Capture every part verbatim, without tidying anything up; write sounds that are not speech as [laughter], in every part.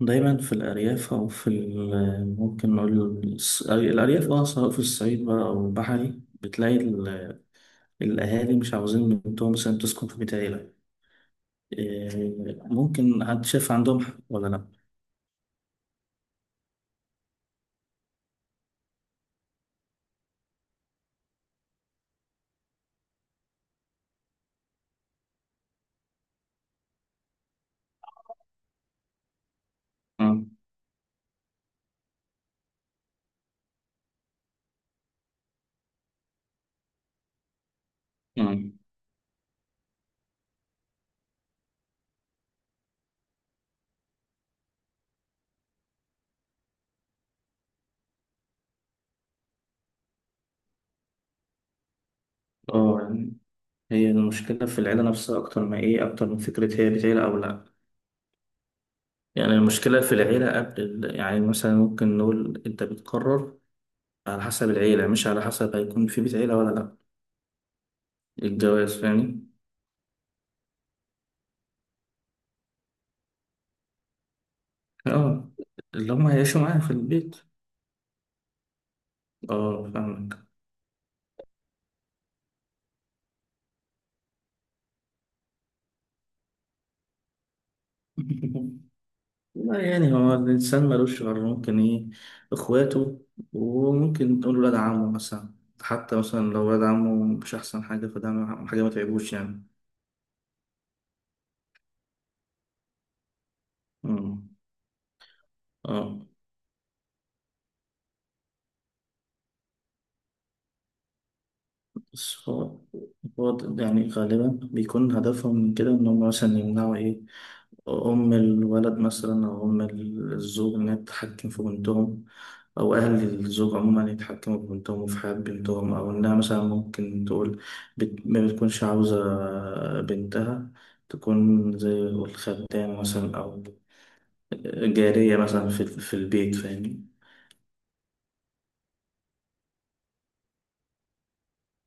دايما في الأرياف أو في ال- ممكن نقول الص- الأرياف، أه سواء في الصعيد بقى أو البحري، بتلاقي ال- الأهالي مش عاوزين بنتهم مثلا تسكن في بيت عيلة. إيه، ممكن حد شايف عندهم حق ولا لأ؟ مم. مم. أه، يعني هي المشكلة في العيلة نفسها أكتر ما إيه أكتر من فكرة هي بيت عيلة أو لأ. يعني المشكلة في العيلة قبل ال- يعني مثلا ممكن نقول أنت بتقرر على حسب العيلة، مش على حسب هيكون في بيت عيلة ولا لأ. الجواز، فاهمني؟ اه. اللي هم هيعيشوا معايا في البيت. اه، فاهمك. [laughs] لا، يعني هو الإنسان ملوش غير، ممكن إيه، إخواته، وممكن تقول ولاد عمه مثلا. حتى مثلا لو ولاد عمه مش أحسن حاجة، فده ما- حاجة ما تعبوش يعني. أمم. اه، بس هو، هو يعني غالبا بيكون هدفهم من كده إن هم مثلا يمنعوا إيه، أم الولد مثلا، أو أم الزوج، إنها تتحكم في بنتهم، أو أهل الزوج عموما يتحكموا في بنتهم وفي حياة بنتهم، أو إنها مثلا ممكن تقول، بت... ما بتكونش عاوزة بنتها تكون زي الخدامة مثلا، أو جارية مثلا في، في البيت، فاهمني؟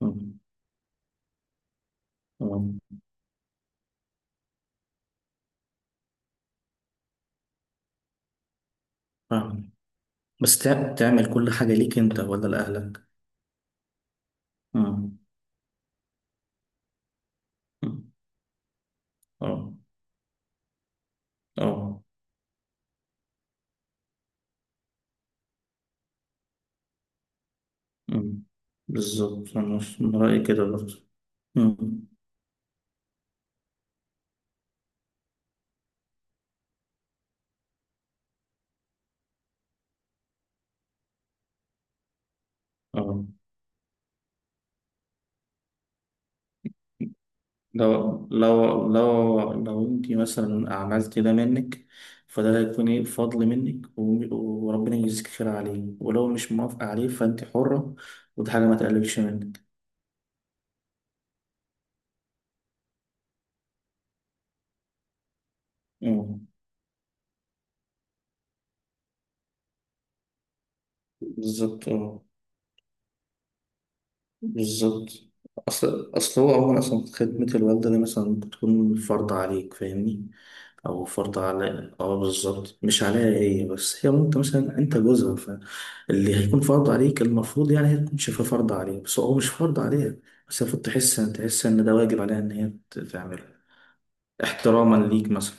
مم. مم. فاهم. بس تع- تعمل كل حاجة ليك أنت ولا لأهلك؟ مم. مم. أه أه. مم. بالظبط، أنا من رأيي كده برضه. مم. اه. لو لو لو لو انت مثلا عملت ده منك، فده هيكون ايه، فضل منك، و- وربنا يجزيك خير عليه، ولو مش موافقة عليه فانت حرة، ودي حاجة ما تقللش منك. اه بالظبط. اه بالظبط. اصل اصل هو عموما اصلا خدمة الوالدة دي مثلا بتكون فرض عليك، فاهمني؟ او فرض على، اه بالظبط مش عليها هي، بس هي، انت مثلا انت جوزها، فاللي هيكون فرض عليك المفروض يعني هي تكون شايفاه فرض عليها، بس هو مش فرض عليها. بس المفروض تحس، تحس ان ده واجب عليها، ان هي ت- تعمله، احتراما ليك مثلا.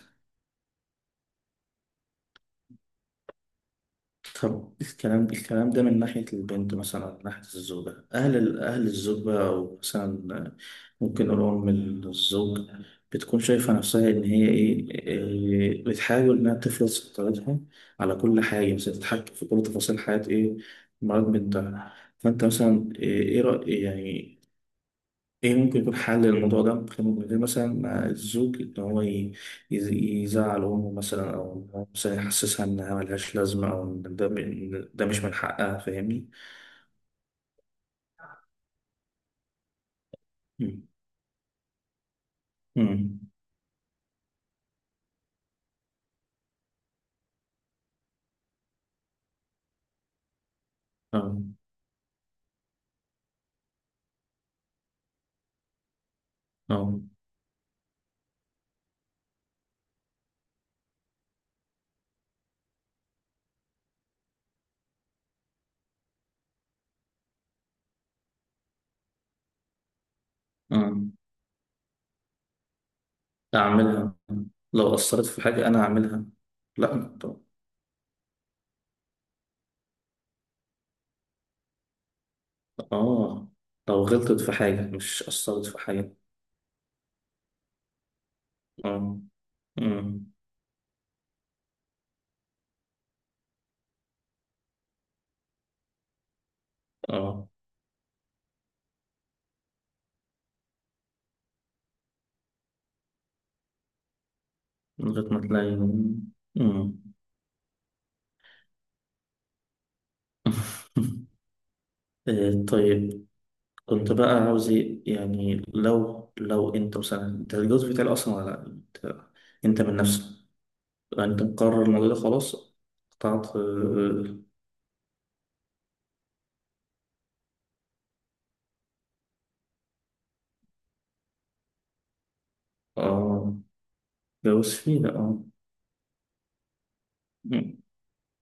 طب الكلام، الكلام ده من ناحية البنت مثلا، من ناحية الزوجة، أهل ال- أهل الزوجة، أو مثلا ممكن نقول أم الزوج، بتكون شايفة نفسها إن هي إيه، إيه، بتحاول إنها تفرض سيطرتها على كل حاجة، مثلا تتحكم في كل تفاصيل حياة إيه، مرات بنتها، فأنت مثلا إيه، إيه رأي يعني؟ ايه ممكن يكون حل للموضوع ده؟ ممكن، ممكن يكون مثلا مع الزوج ان هو، ي- يز- يزعل امه مثلا، او إن هو مثلا يحسسها انها ملهاش لازمه، او ان ده، إن ده مش من حقها، فاهمني. مم. مم. اه اه اه. اعملها. لو اثرت في حاجه انا اعملها. لا، طب- اه، لو غلطت في حاجه مش اثرت في حاجه. اه. مم. اه. من غير ما تلاقي. مم. [laughs] آه، طيب. كنت بقى عاوز إيه؟ يعني لو لو انت مثلا، انت الجواز بتاعي اصلا ولا لا؟ انت انت من نفسك، انت مقرر الموضوع ده خلاص، قطعت. اه. آه، جواز فيه لا اه. مم.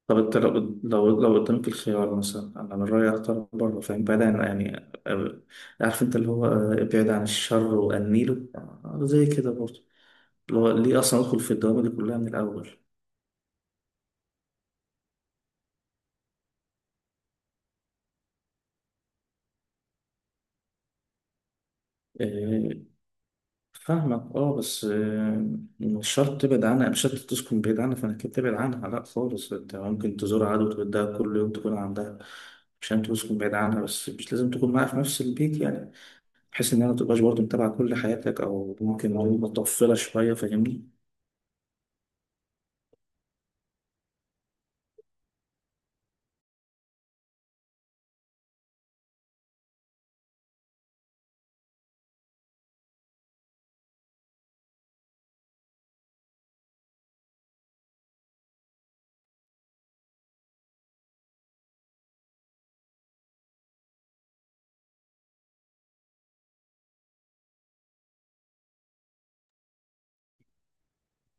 طب انت لو، لو لو قدامك الخيار مثلا، انا من رايي اختار بره، فاهم؟ بعيد عن يعني، آه، عارف انت اللي هو، آه، ابعد عن الشر وانيله، آه، زي كده برضه. اللي هو ليه اصلا ادخل في الدوامه دي كلها من الاول؟ آه، فاهمك، اه، بس، آه، مش شرط تبعد عنها، مش شرط تسكن بعيد عنها فانك تبعد عنها، لا خالص، انت ممكن تزور عدو وتودها كل يوم تكون عندها. مش لازم تسكن بعيد عنها، بس مش لازم تكون معاها في نفس البيت يعني، بحيث انها ما تبقاش برضه متابعة كل حياتك، او ممكن نقول مطفلة شوية، فاهمني.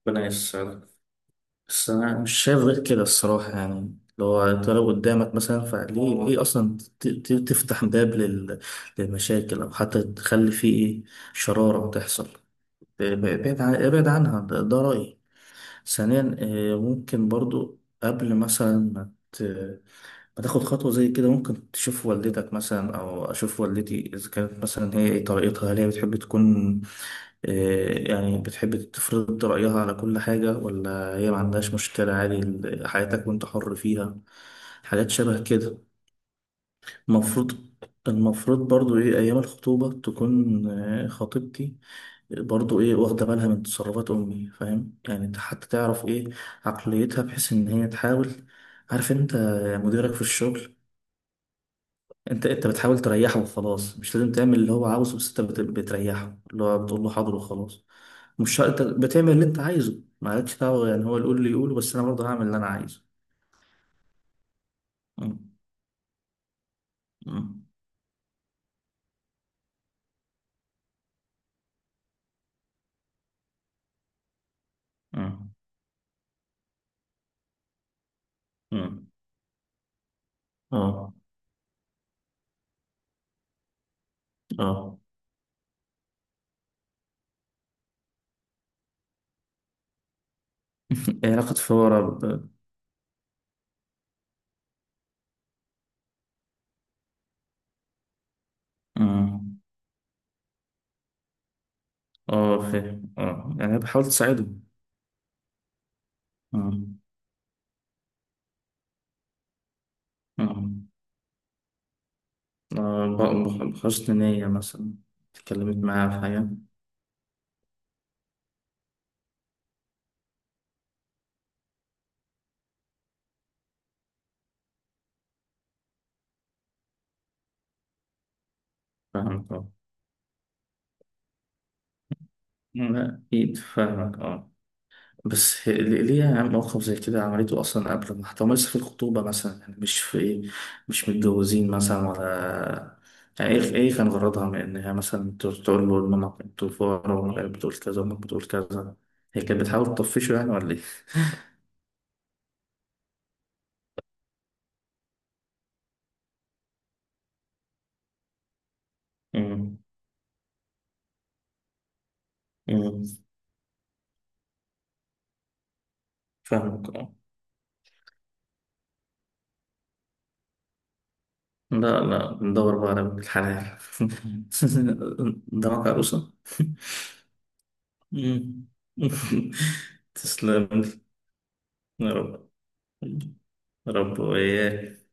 ربنا يسعدك. بس انا مش شايف غير كده الصراحة، يعني لو انت، لو قدامك مثلا، فليه، ليه اصلا ت- ت- تفتح باب لل- للمشاكل، او حتى تخلي فيه ايه شرارة تحصل؟ ابعد عن- ابعد عنها، ده، ده رأيي. ثانيا، آه، ممكن برضو قبل مثلا ما ت- ما تاخد خطوة زي كده، ممكن تشوف والدتك مثلا، أو أشوف والدتي، إذا كانت مثلا هي إيه طريقتها، هل هي بتحب تكون، آه، يعني بتحب تفرض رأيها على كل حاجة، ولا هي ما عندهاش مشكلة عادي، ال- حياتك وأنت حر فيها. حاجات شبه كده. المفروض، المفروض برضو ايه ايام الخطوبة تكون، آه، خطيبتي برضو ايه واخدة بالها من تصرفات امي، فاهم؟ يعني انت حتى تعرف ايه عقليتها، بحيث ان هي تحاول. عارف انت مديرك في الشغل؟ انت انت بتحاول تريحه وخلاص، مش لازم تعمل اللي هو عاوزه، بس انت بت- بتريحه، اللي هو بتقول له حاضر وخلاص. مش شرط- انت بتعمل اللي انت عايزه، مالكش دعوة، يعني هو اللي يقول لي يقوله بس انا برضه هعمل اللي انا عايزه. م- م- م- م- اه اه. إيه علاقة فورة ب، آه. آه، فاهم آه، يعني بحاول تساعدهم. آه. آه. آه، ب- بح- بحسن نية مثلا، اتكلمت معاه في حاجة. فاهمك آه. لا، أكيد فاهمك آه. بس هي- ليه، ليه يا عم موقف زي كده عملته أصلا قبل ما حتى لسه في الخطوبة مثلا يعني، مش في إيه، مش متجوزين مثلا ولا؟ يعني إيه، إيه كان غرضها من إن هي مثلا تقول، تقول له إنما أنتوا فقراء، وأمك بتقول كذا، وأمك بتقول كذا؟ هي كانت بتحاول تطفشه يعني ولا إيه؟ مم. فاهمك اه. لا، لا ندور بقى على بنت الحلال. [laughs] قدامك عروسة. مم. [laughs] تسلم لي. يا رب. يا رب وإياك.